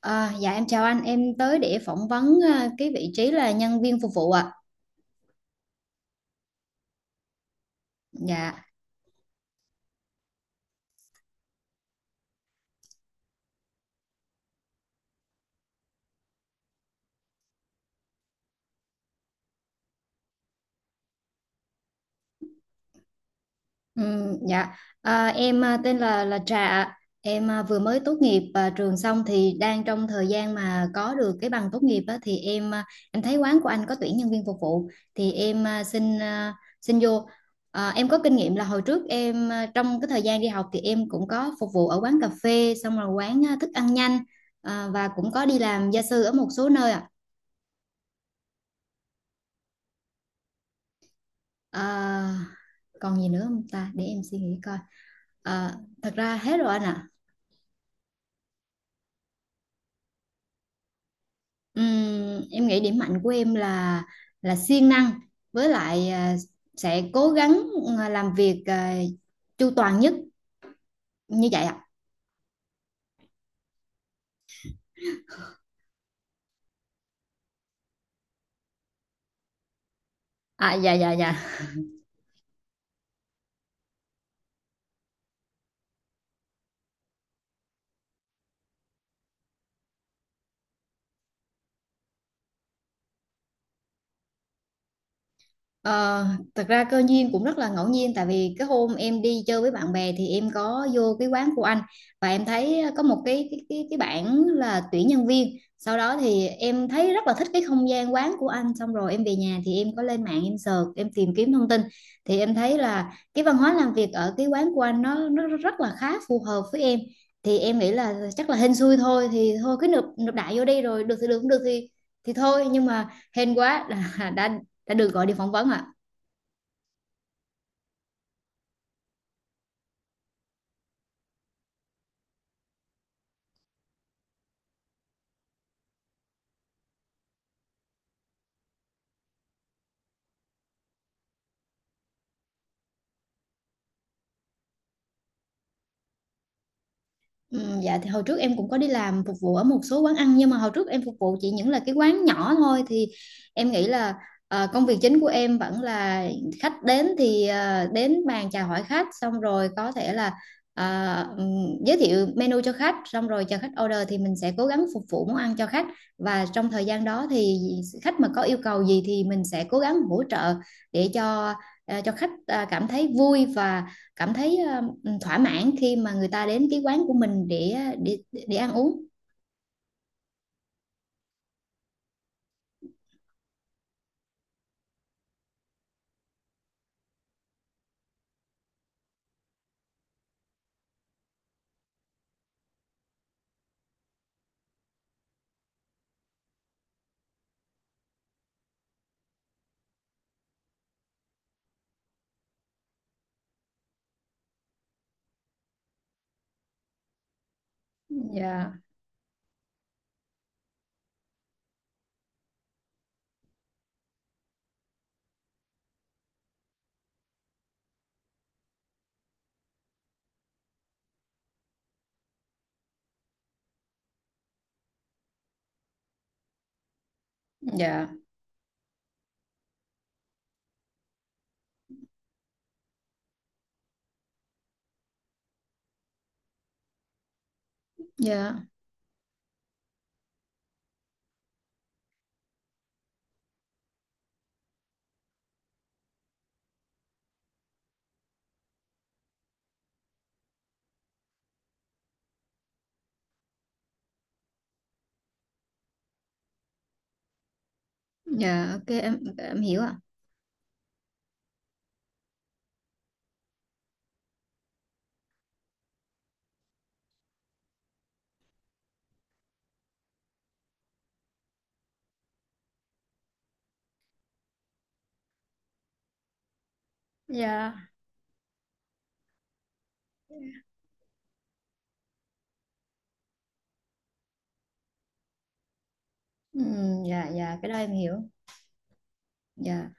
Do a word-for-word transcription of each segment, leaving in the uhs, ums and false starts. À, dạ em chào anh, em tới để phỏng vấn à, cái vị trí là nhân viên phục vụ ạ. Dạ, ừm, dạ. À, em à, tên là là Trà ạ. Em à, vừa mới tốt nghiệp à, trường xong thì đang trong thời gian mà có được cái bằng tốt nghiệp á, thì em à, em thấy quán của anh có tuyển nhân viên phục vụ thì em à, xin à, xin vô. À, em có kinh nghiệm là hồi trước em à, trong cái thời gian đi học thì em cũng có phục vụ ở quán cà phê, xong rồi quán à, thức ăn nhanh à, và cũng có đi làm gia sư ở một số nơi ạ. À, còn gì nữa không ta? Để em suy nghĩ coi. À, thật ra hết rồi anh ạ. Ừm, em nghĩ điểm mạnh của em là là siêng năng với lại à, sẽ cố gắng à, làm việc à, chu toàn nhất như vậy ạ. À, dạ, dạ, dạ. Ờ, Thật ra cơ duyên cũng rất là ngẫu nhiên, tại vì cái hôm em đi chơi với bạn bè thì em có vô cái quán của anh và em thấy có một cái cái cái, cái bảng là tuyển nhân viên. Sau đó thì em thấy rất là thích cái không gian quán của anh, xong rồi em về nhà thì em có lên mạng em search em tìm kiếm thông tin, thì em thấy là cái văn hóa làm việc ở cái quán của anh nó nó rất là khá phù hợp với em. Thì em nghĩ là chắc là hên xui thôi, thì thôi cứ nộp nộp đại vô đi, rồi được thì được, không được thì thì thôi. Nhưng mà hên quá là đã đã được gọi đi phỏng vấn ạ. Ừ, dạ thì hồi trước em cũng có đi làm phục vụ ở một số quán ăn, nhưng mà hồi trước em phục vụ chỉ những là cái quán nhỏ thôi thì em nghĩ là ờ, công việc chính của em vẫn là khách đến thì ờ, đến bàn chào hỏi khách, xong rồi có thể là ờ, ừm, giới thiệu menu cho khách, xong rồi chờ khách order thì mình sẽ cố gắng phục vụ món ăn cho khách. Và trong thời gian đó thì khách mà có yêu cầu gì thì mình sẽ cố gắng hỗ trợ để cho ờ, cho khách ờ, cảm thấy vui và cảm thấy ờ, thỏa mãn khi mà người ta đến cái quán của mình để để để ăn uống. Dạ, dạ, dạ, dạ, ok em em hiểu ạ. Dạ. Ừm, dạ, dạ, cái đó em hiểu. Dạ.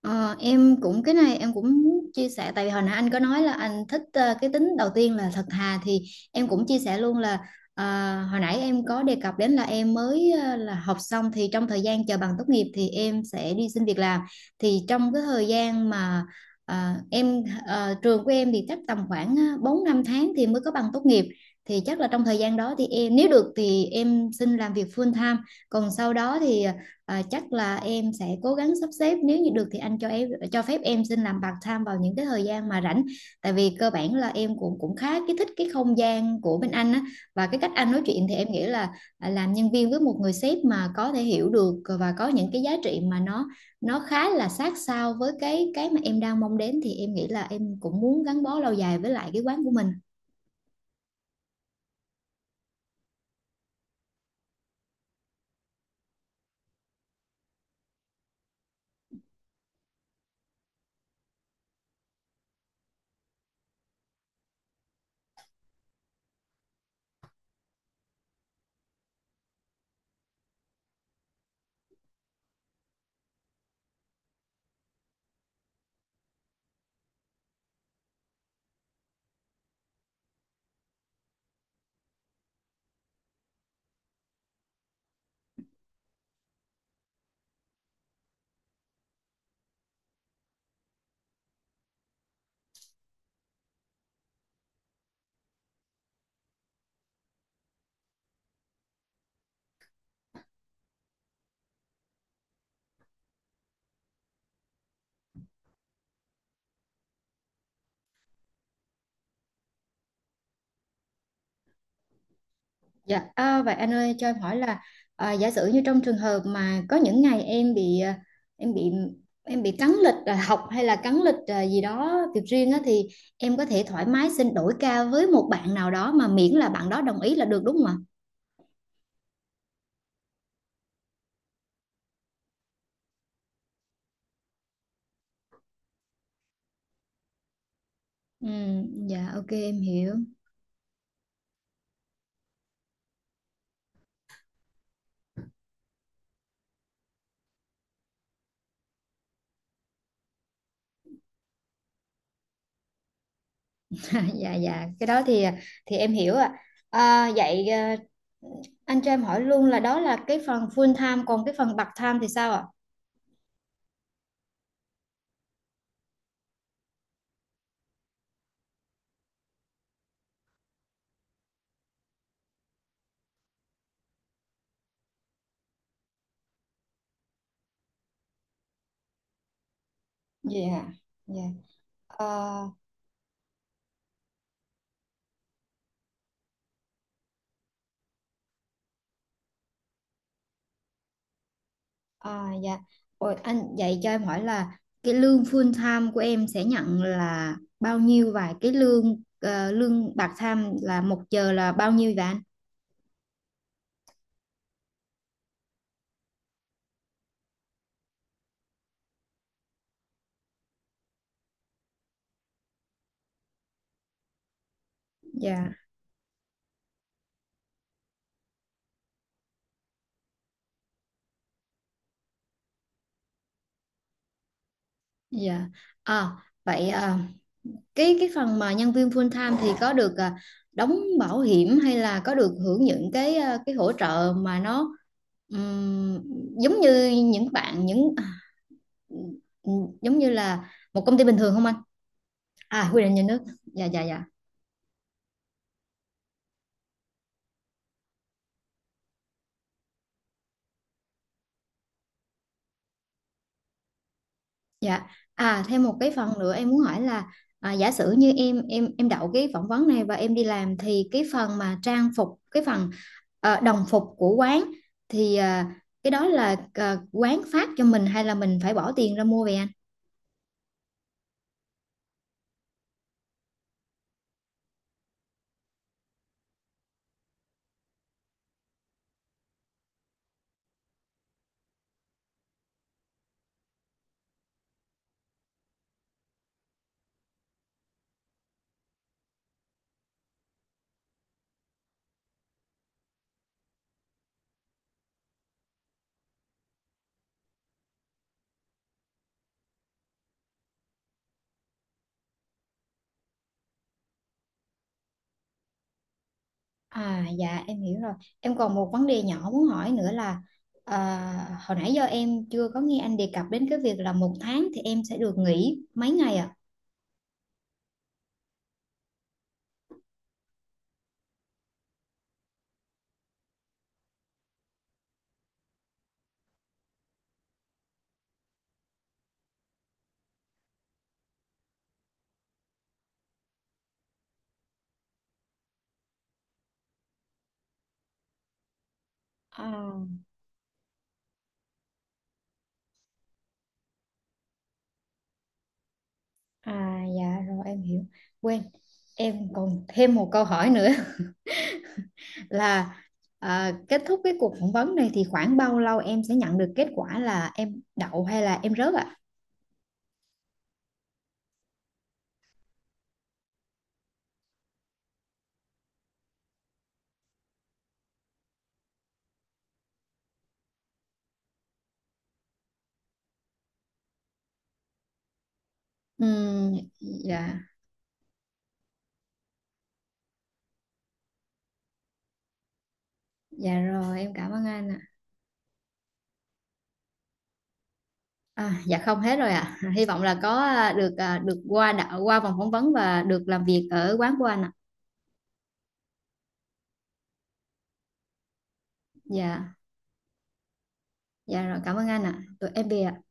Ờ, em cũng Cái này em cũng muốn chia sẻ, tại vì hồi nãy anh có nói là anh thích ờ, cái tính đầu tiên là thật thà, thì em cũng chia sẻ luôn là ờ, hồi nãy em có đề cập đến là em mới ờ, là học xong thì trong thời gian chờ bằng tốt nghiệp thì em sẽ đi xin việc làm. Thì trong cái thời gian mà ờ, em ờ, trường của em thì chắc tầm khoảng ờ, bốn năm tháng thì mới có bằng tốt nghiệp, thì chắc là trong thời gian đó thì em nếu được thì em xin làm việc full time. Còn sau đó thì ờ, à, chắc là em sẽ cố gắng sắp xếp, nếu như được thì anh cho em cho phép em xin làm part time vào những cái thời gian mà rảnh, tại vì cơ bản là em cũng cũng khá cái thích cái không gian của bên anh á. Và cái cách anh nói chuyện thì em nghĩ là à, làm nhân viên với một người sếp mà có thể hiểu được và có những cái giá trị mà nó nó khá là sát sao với cái cái mà em đang mong đến, thì em nghĩ là em cũng muốn gắn bó lâu dài với lại cái quán của mình. Dạ, à, vậy anh ơi cho em hỏi là à, giả sử như trong trường hợp mà có những ngày em bị à, em bị em bị cắn lịch à, học hay là cắn lịch à, gì đó việc riêng á, thì em có thể thoải mái xin đổi ca với một bạn nào đó mà miễn là bạn đó đồng ý là được đúng không ạ? Ừ, dạ ok em hiểu. dạ, dạ, cái đó thì thì em hiểu ạ. À, vậy à, anh cho em hỏi luôn là đó là cái phần full time, còn cái phần part time thì sao ạ? Dạ. Dạ. Ờ, à, dạ. Ôi, anh vậy cho em hỏi là cái lương full time của em sẽ nhận là bao nhiêu và cái lương ờ, lương part time là một giờ là bao nhiêu vậy anh? Dạ, dạ. À, vậy ờ, cái cái phần mà nhân viên full time thì có được ờ, đóng bảo hiểm hay là có được hưởng những cái ờ, cái hỗ trợ mà nó ừm, giống như những bạn những à, giống như là một công ty bình thường không anh? À, quy định nhà nước. Dạ, dạ, dạ. Dạ. À thêm một cái phần nữa em muốn hỏi là à, giả sử như em em em đậu cái phỏng vấn này và em đi làm thì cái phần mà trang phục cái phần ờ, đồng phục của quán thì à, cái đó là à, quán phát cho mình hay là mình phải bỏ tiền ra mua về anh? À, dạ em hiểu rồi. Em còn một vấn đề nhỏ muốn hỏi nữa là à, hồi nãy giờ em chưa có nghe anh đề cập đến cái việc là một tháng thì em sẽ được nghỉ mấy ngày ạ? À? À, dạ rồi em hiểu. Quên, em còn thêm một câu hỏi nữa là à, kết thúc cái cuộc phỏng vấn này thì khoảng bao lâu em sẽ nhận được kết quả là em đậu hay là em rớt ạ? Ừm, dạ, dạ rồi em cảm ơn anh ạ. À, dạ không hết rồi ạ. Hy vọng là có à, được à, được qua đậu qua vòng phỏng vấn và được làm việc ở quán của anh ạ. Dạ, dạ rồi cảm ơn anh ạ. Tụi em về ạ.